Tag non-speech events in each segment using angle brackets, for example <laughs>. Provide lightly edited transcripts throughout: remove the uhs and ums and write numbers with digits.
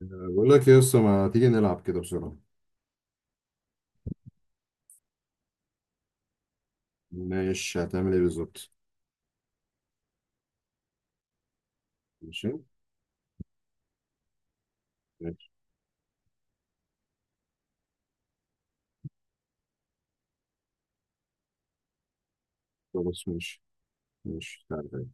بقول لك يا اسطى ما تيجي نلعب كده بسرعة. ماشي، هتعمل ايه بالظبط؟ ماشي. ماشي. خلاص ماشي. ماشي، تعالى تعالى.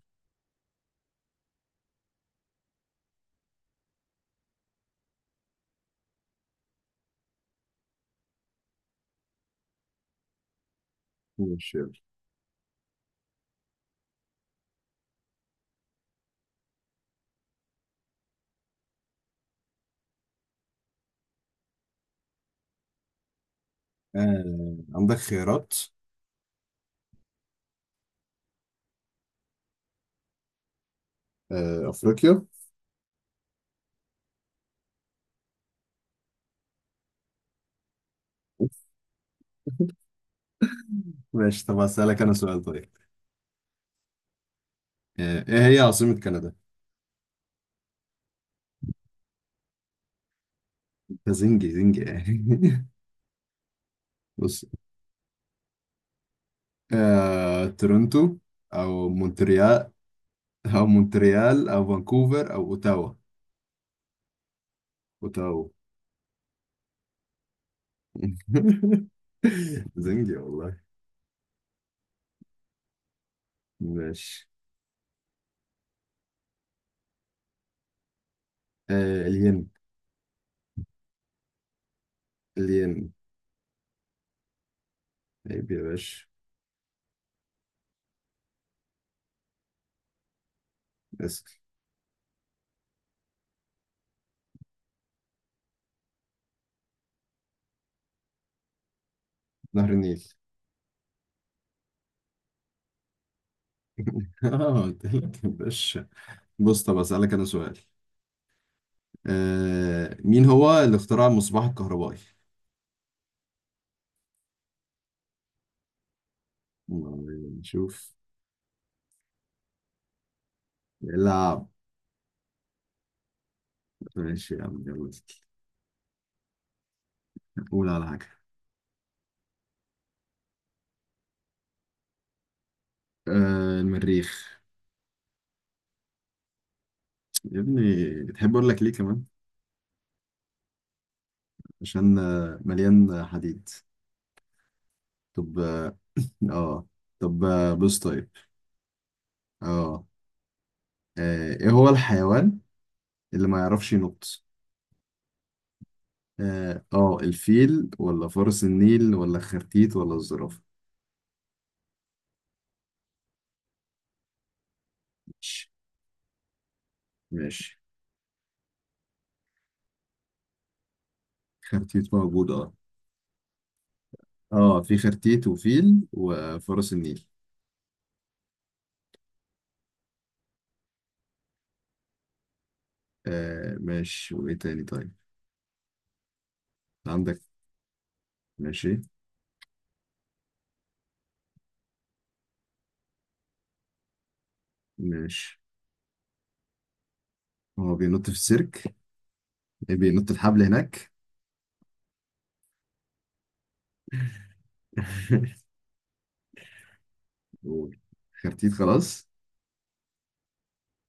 ماشي يلا. آه، عندك خيارات؟ آه، أفريقيا. ماشي. طب هسألك أنا سؤال طيب. آه، إيه هي عاصمة كندا؟ ده زنجي زنجي يعني. <laughs> بص. آه، تورنتو أو مونتريال. أو مونتريال أو فانكوفر أو أوتاوا. أوتاوا. <laughs> زنجي والله. ماشي. آه، الين. الين. عيب يا باشا. اسأل. نهر النيل. <laughs> اه قلت لك يا باشا. بص، طب اسألك انا سؤال. آه، مين هو اللي اخترع المصباح الكهربائي؟ نشوف. لا. ماشي يا عم يلا. قول على حاجة. آه، المريخ. يا ابني تحب اقول لك ليه كمان؟ عشان مليان حديد. طب اه. آه. طب بص طيب. اه ايه هو الحيوان اللي ما يعرفش ينط. الفيل ولا فرس النيل ولا خرتيت ولا الزرافة؟ ماشي. ماشي. خرتيت موجود اه. اه في خرتيت وفيل وفرس النيل. آه ماشي، وايه تاني طيب؟ عندك. ماشي. ماشي. هو بينط في السيرك؟ إيه، بينط الحبل هناك. <laughs> قول. خرتيت خلاص.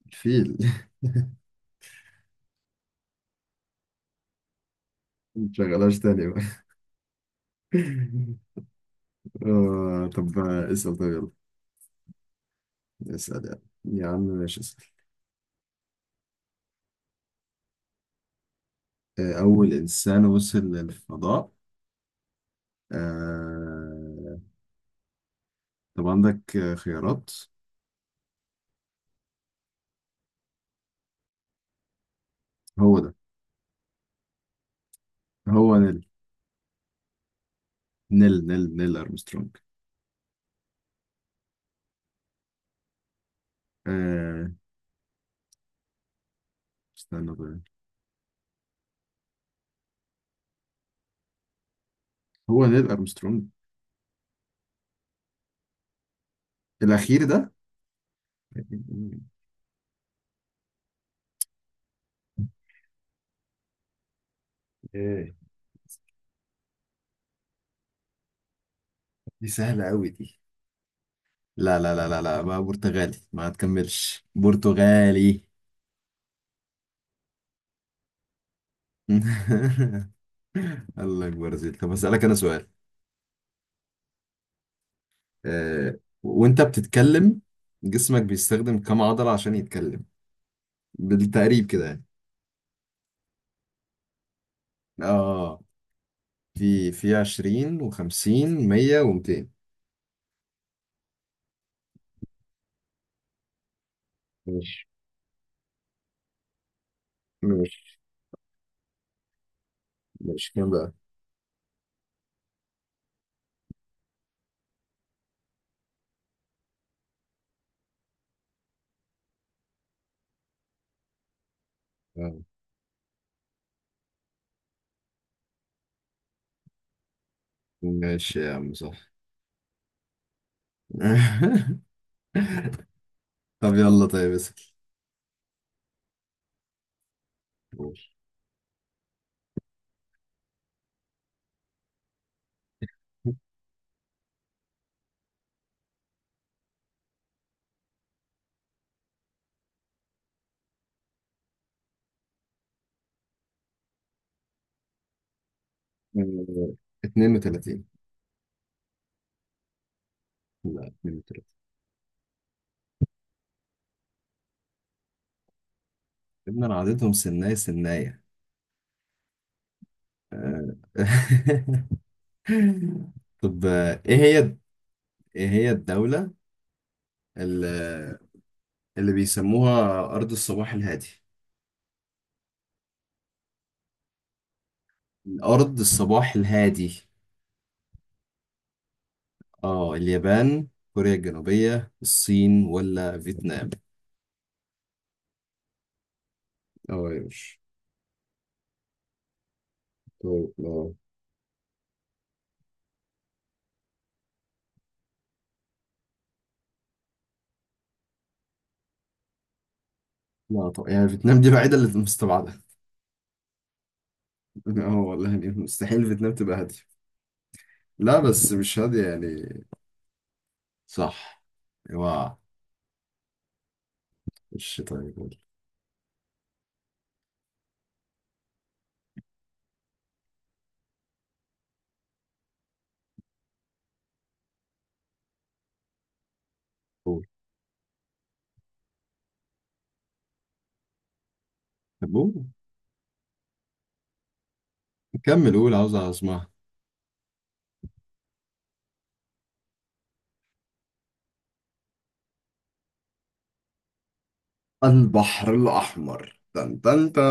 الفيل. <laughs> متشغلهاش تاني بقى. <laughs> آه، طب اسأل طيب. يلا اسأل يعني يا عم ماشي اسأل. أول إنسان وصل للفضاء. آه... طب عندك خيارات؟ هو ده. هو نيل نيل نيل نيل أرمسترونج. آه... استنى بقى. هو نيل أرمسترونج. الأخير ده. ايه؟ دي سهلة قوي دي. لا لا لا لا لا بقى، برتغالي، ما تكملش برتغالي. <laughs> الله أكبر يا زيد، طب هسألك أنا سؤال. وأنت بتتكلم جسمك بيستخدم كم عضلة عشان يتكلم؟ بالتقريب كده يعني. اه، في 20 و50، 100 و200. ماشي. ماشي. ماشي كام بقى؟ آه. ماشي يا عم صح. <laughs> طب يلا طيب اسأل. ماشي. آه، 32. لا، 32. ابن انا عددهم سناية سناية. آه. <laughs> طب ايه هي. ايه هي الدولة اللي, اللي بيسموها أرض الصباح الهادي؟ أرض الصباح الهادي. اه، اليابان، كوريا الجنوبية، الصين ولا فيتنام؟ اه يا باشا. طيب لا. لا طبعا، يعني فيتنام دي الوحيدة اللي مستبعدة. <laughs> اه والله، يعني مستحيل فيتنام تبقى هادية. لا بس مش هادية يعني. صح. اوعى. مش طيب قول. قول. طب قول. كمل قول، عاوز اسمعها. البحر الأحمر، تن تن تا.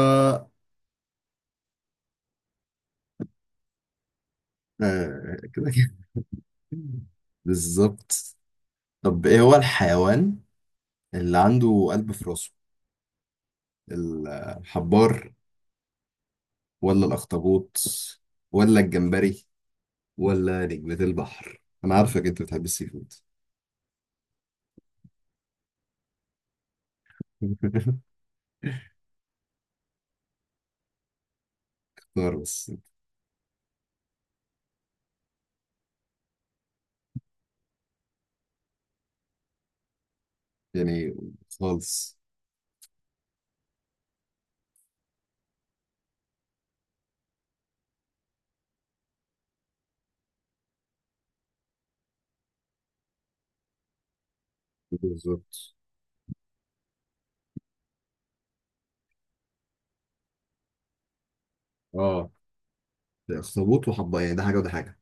آه كده كده. بالظبط. طب ايه هو الحيوان اللي عنده قلب في راسه؟ الحبار، ولا الأخطبوط، ولا الجمبري، ولا نجمة البحر؟ أنا عارفك أنت بتحب السي فود. <laughs> اختار بس. يعني خالص. بالظبط. اه، ده أخطبوط وحبة يعني، ده حاجة وده حاجة.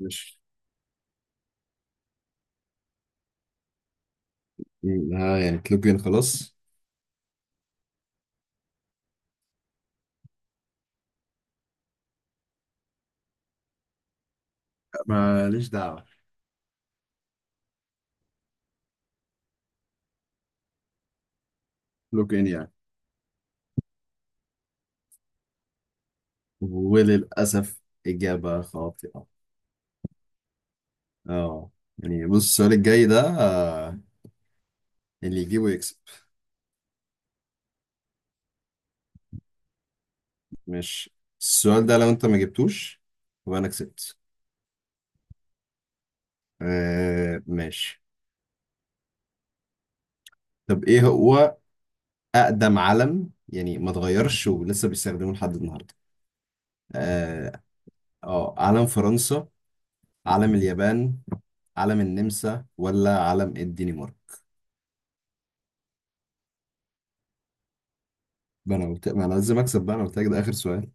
مش. ها يعني تلوجين خلاص. ماليش دعوة. لوكين يعني. وللأسف إجابة خاطئة. اه. يعني بص، السؤال الجاي ده اللي يجيبه يكسب. مش السؤال ده، لو أنت ما جبتوش يبقى أنا كسبت. آه ماشي. طب ايه هو اقدم علم يعني ما اتغيرش ولسه بيستخدموه لحد النهارده؟ اه. علم فرنسا، علم اليابان، علم النمسا ولا علم الدنمارك؟ ده انا قلت ما انا لازم اكسب بقى، انا قلت لك ده اخر سؤال.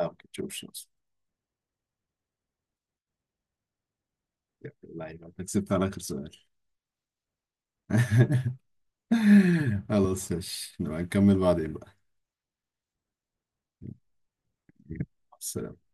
لا، ما كنتش شخص. لا، يبقى انت كسبت على اخر سؤال. <laughs> خلاص ماشي، نبقى نكمل بعدين بقى. بس.